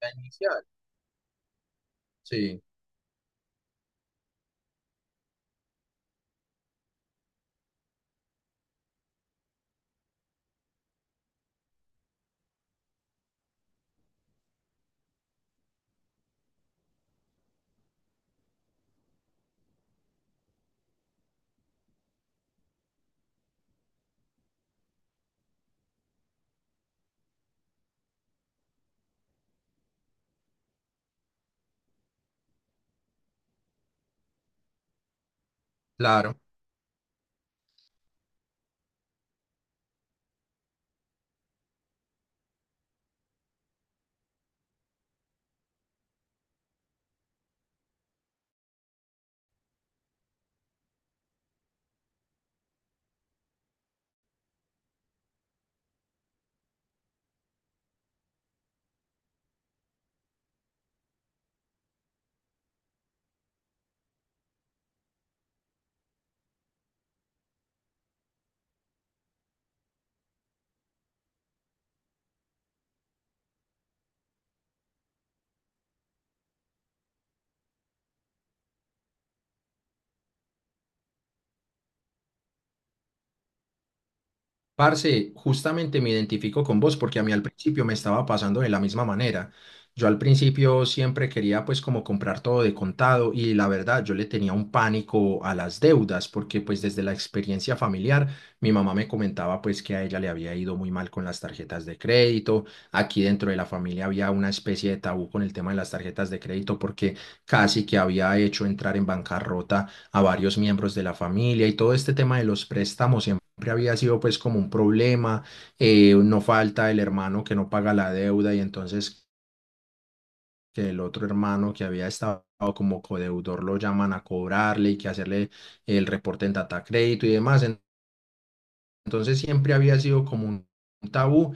La inicial. Sí, claro. Parce, justamente me identifico con vos porque a mí al principio me estaba pasando de la misma manera. Yo al principio siempre quería pues como comprar todo de contado y la verdad yo le tenía un pánico a las deudas porque pues desde la experiencia familiar mi mamá me comentaba pues que a ella le había ido muy mal con las tarjetas de crédito. Aquí dentro de la familia había una especie de tabú con el tema de las tarjetas de crédito porque casi que había hecho entrar en bancarrota a varios miembros de la familia y todo este tema de los préstamos siempre había sido pues como un problema. No falta el hermano que no paga la deuda y entonces que el otro hermano que había estado como codeudor lo llaman a cobrarle y que hacerle el reporte en data crédito y demás. Entonces siempre había sido como un tabú.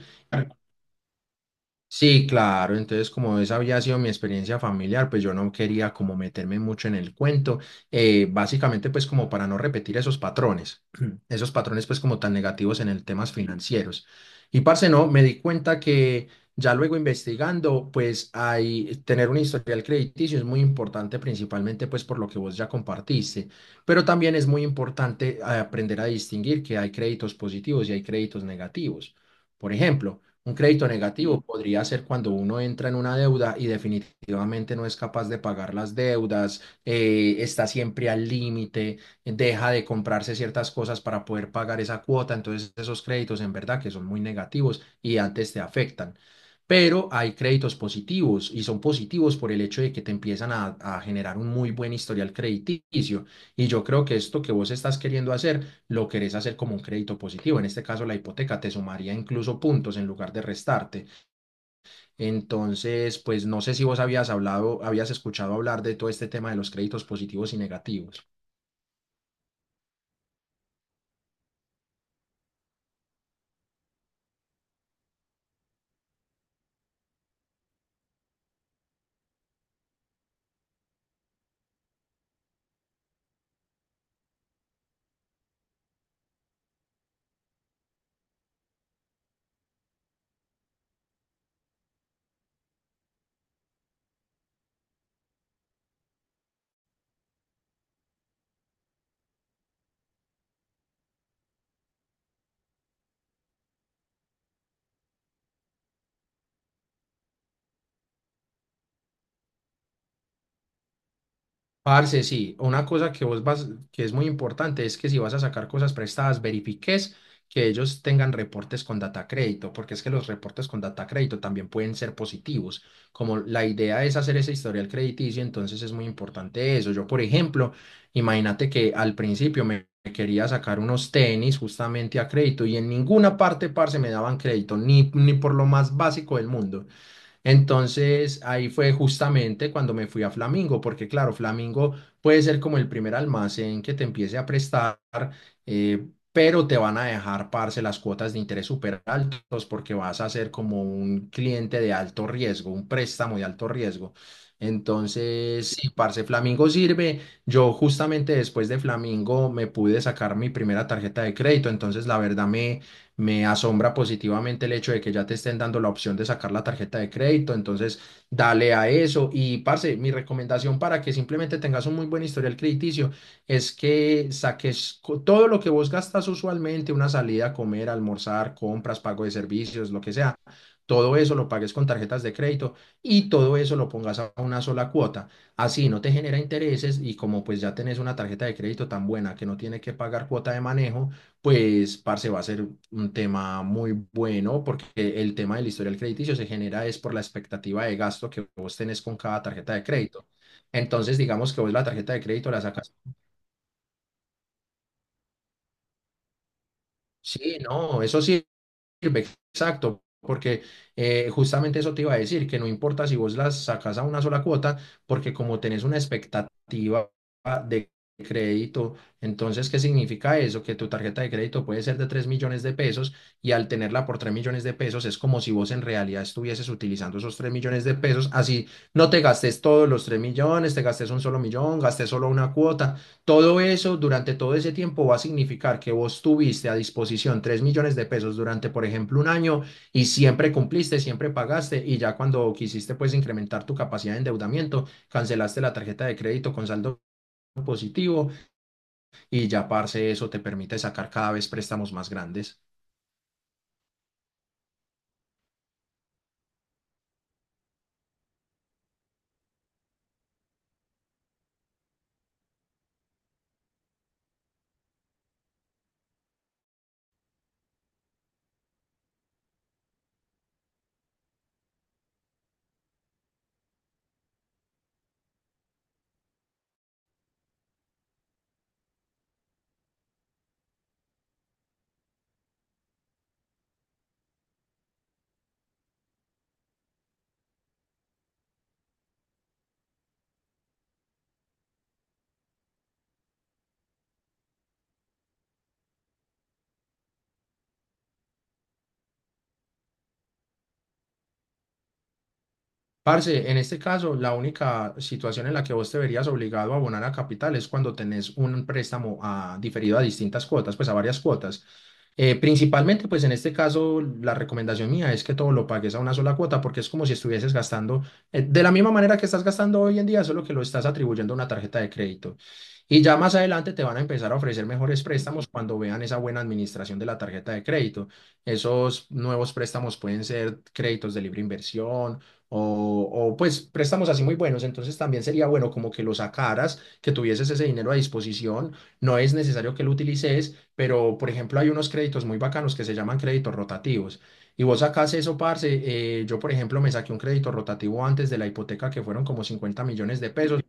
Sí, claro, entonces como esa había sido mi experiencia familiar, pues yo no quería como meterme mucho en el cuento. Básicamente pues como para no repetir esos patrones, esos patrones pues como tan negativos en el temas financieros. Y parce, no, me di cuenta que ya luego investigando, pues hay tener un historial crediticio es muy importante principalmente pues por lo que vos ya compartiste, pero también es muy importante, aprender a distinguir que hay créditos positivos y hay créditos negativos. Por ejemplo, un crédito negativo podría ser cuando uno entra en una deuda y definitivamente no es capaz de pagar las deudas, está siempre al límite, deja de comprarse ciertas cosas para poder pagar esa cuota. Entonces esos créditos en verdad que son muy negativos y antes te afectan. Pero hay créditos positivos y son positivos por el hecho de que te empiezan a generar un muy buen historial crediticio. Y yo creo que esto que vos estás queriendo hacer lo querés hacer como un crédito positivo. En este caso, la hipoteca te sumaría incluso puntos en lugar de restarte. Entonces, pues no sé si vos habías hablado, habías escuchado hablar de todo este tema de los créditos positivos y negativos. Parce, sí, una cosa que vos vas, que es muy importante es que si vas a sacar cosas prestadas, verifiques que ellos tengan reportes con data crédito, porque es que los reportes con data crédito también pueden ser positivos. Como la idea es hacer ese historial crediticio, entonces es muy importante eso. Yo, por ejemplo, imagínate que al principio me quería sacar unos tenis justamente a crédito y en ninguna parte, parce, me daban crédito, ni por lo más básico del mundo. Entonces ahí fue justamente cuando me fui a Flamingo, porque claro, Flamingo puede ser como el primer almacén que te empiece a prestar, eh, pero te van a dejar, parce, las cuotas de interés súper altos porque vas a ser como un cliente de alto riesgo, un préstamo de alto riesgo. Entonces, sí, parce, Flamingo sirve. Yo justamente después de Flamingo me pude sacar mi primera tarjeta de crédito, entonces la verdad me asombra positivamente el hecho de que ya te estén dando la opción de sacar la tarjeta de crédito. Entonces, dale a eso. Y, parce, mi recomendación para que simplemente tengas un muy buen historial crediticio es que saques todo lo que vos gastas usualmente, una salida a comer, almorzar, compras, pago de servicios, lo que sea. Todo eso lo pagues con tarjetas de crédito y todo eso lo pongas a una sola cuota. Así no te genera intereses y como pues ya tenés una tarjeta de crédito tan buena que no tiene que pagar cuota de manejo, pues, parce, va a ser un tema muy bueno porque el tema del historial crediticio se genera es por la expectativa de gasto que vos tenés con cada tarjeta de crédito. Entonces, digamos que vos la tarjeta de crédito la sacas. Sí, no, eso sí sirve, exacto, porque, justamente eso te iba a decir, que no importa si vos las sacas a una sola cuota, porque como tenés una expectativa de crédito, entonces, ¿qué significa eso? Que tu tarjeta de crédito puede ser de 3 millones de pesos y al tenerla por 3 millones de pesos es como si vos en realidad estuvieses utilizando esos 3 millones de pesos, así no te gastes todos los 3 millones, te gastes un solo millón, gastes solo una cuota, todo eso durante todo ese tiempo va a significar que vos tuviste a disposición 3 millones de pesos durante, por ejemplo, un año y siempre cumpliste, siempre pagaste y ya cuando quisiste pues incrementar tu capacidad de endeudamiento, cancelaste la tarjeta de crédito con saldo positivo y ya, parce, eso te permite sacar cada vez préstamos más grandes. Parce, en este caso, la única situación en la que vos te verías obligado a abonar a capital es cuando tenés un préstamo diferido a distintas cuotas, pues a varias cuotas. Principalmente, pues en este caso, la recomendación mía es que todo lo pagues a una sola cuota porque es como si estuvieses gastando, de la misma manera que estás gastando hoy en día, solo que lo estás atribuyendo a una tarjeta de crédito. Y ya más adelante te van a empezar a ofrecer mejores préstamos cuando vean esa buena administración de la tarjeta de crédito. Esos nuevos préstamos pueden ser créditos de libre inversión o pues préstamos así muy buenos. Entonces también sería bueno como que lo sacaras, que tuvieses ese dinero a disposición. No es necesario que lo utilices pero por ejemplo hay unos créditos muy bacanos que se llaman créditos rotativos. Y vos sacás eso, parce. Yo, por ejemplo, me saqué un crédito rotativo antes de la hipoteca que fueron como 50 millones de pesos.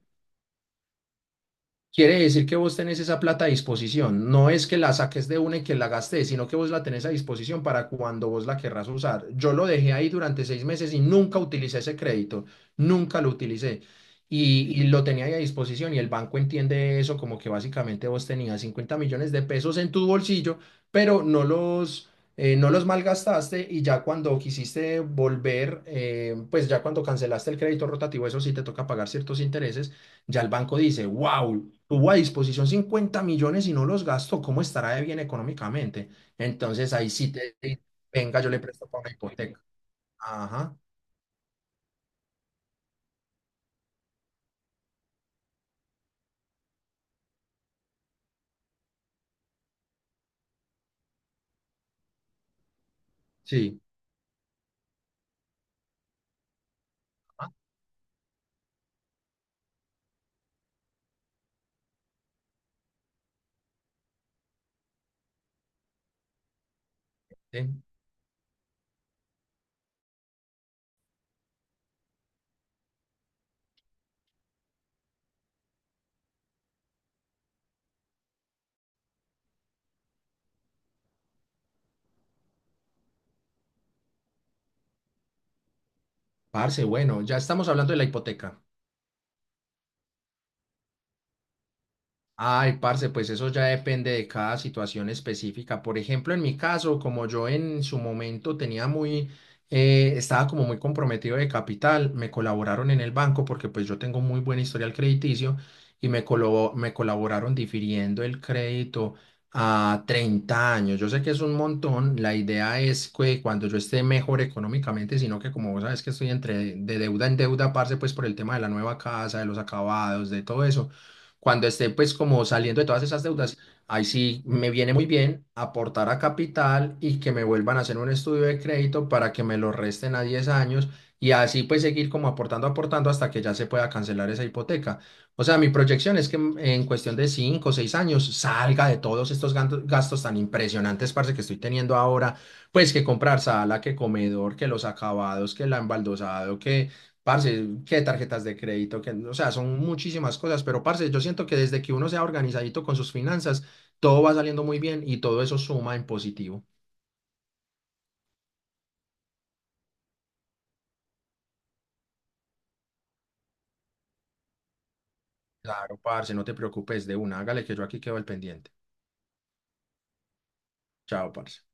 Quiere decir que vos tenés esa plata a disposición. No es que la saques de una y que la gastes, sino que vos la tenés a disposición para cuando vos la querrás usar. Yo lo dejé ahí durante 6 meses y nunca utilicé ese crédito. Nunca lo utilicé. Y lo tenía ahí a disposición y el banco entiende eso como que básicamente vos tenías 50 millones de pesos en tu bolsillo, pero no no los malgastaste y ya cuando quisiste volver, pues ya cuando cancelaste el crédito rotativo, eso sí te toca pagar ciertos intereses. Ya el banco dice, wow, tuvo a disposición 50 millones y no los gastó, ¿cómo estará de bien económicamente? Entonces ahí sí te dice, venga, yo le presto para una hipoteca. Ajá, sí. Ajá, sí. Parce, bueno, ya estamos hablando de la hipoteca. Ay, parce, pues eso ya depende de cada situación específica. Por ejemplo, en mi caso, como yo en su momento tenía muy, estaba como muy comprometido de capital, me colaboraron en el banco porque pues yo tengo muy buen historial crediticio y me colaboraron difiriendo el crédito a 30 años. Yo sé que es un montón, la idea es que cuando yo esté mejor económicamente, sino que como vos sabes que estoy entre de deuda en deuda, parce, pues por el tema de la nueva casa, de los acabados, de todo eso cuando esté pues como saliendo de todas esas deudas, ahí sí me viene muy bien aportar a capital y que me vuelvan a hacer un estudio de crédito para que me lo resten a 10 años y así pues seguir como aportando, aportando hasta que ya se pueda cancelar esa hipoteca. O sea, mi proyección es que en cuestión de 5 o 6 años salga de todos estos gastos tan impresionantes, parce, que estoy teniendo ahora, pues que comprar sala, que comedor, que los acabados, que el embaldosado, que. Parce, qué tarjetas de crédito, que, o sea, son muchísimas cosas, pero parce, yo siento que desde que uno sea organizadito con sus finanzas, todo va saliendo muy bien y todo eso suma en positivo. Claro, parce, no te preocupes de una, hágale que yo aquí quedo al pendiente. Chao, parce.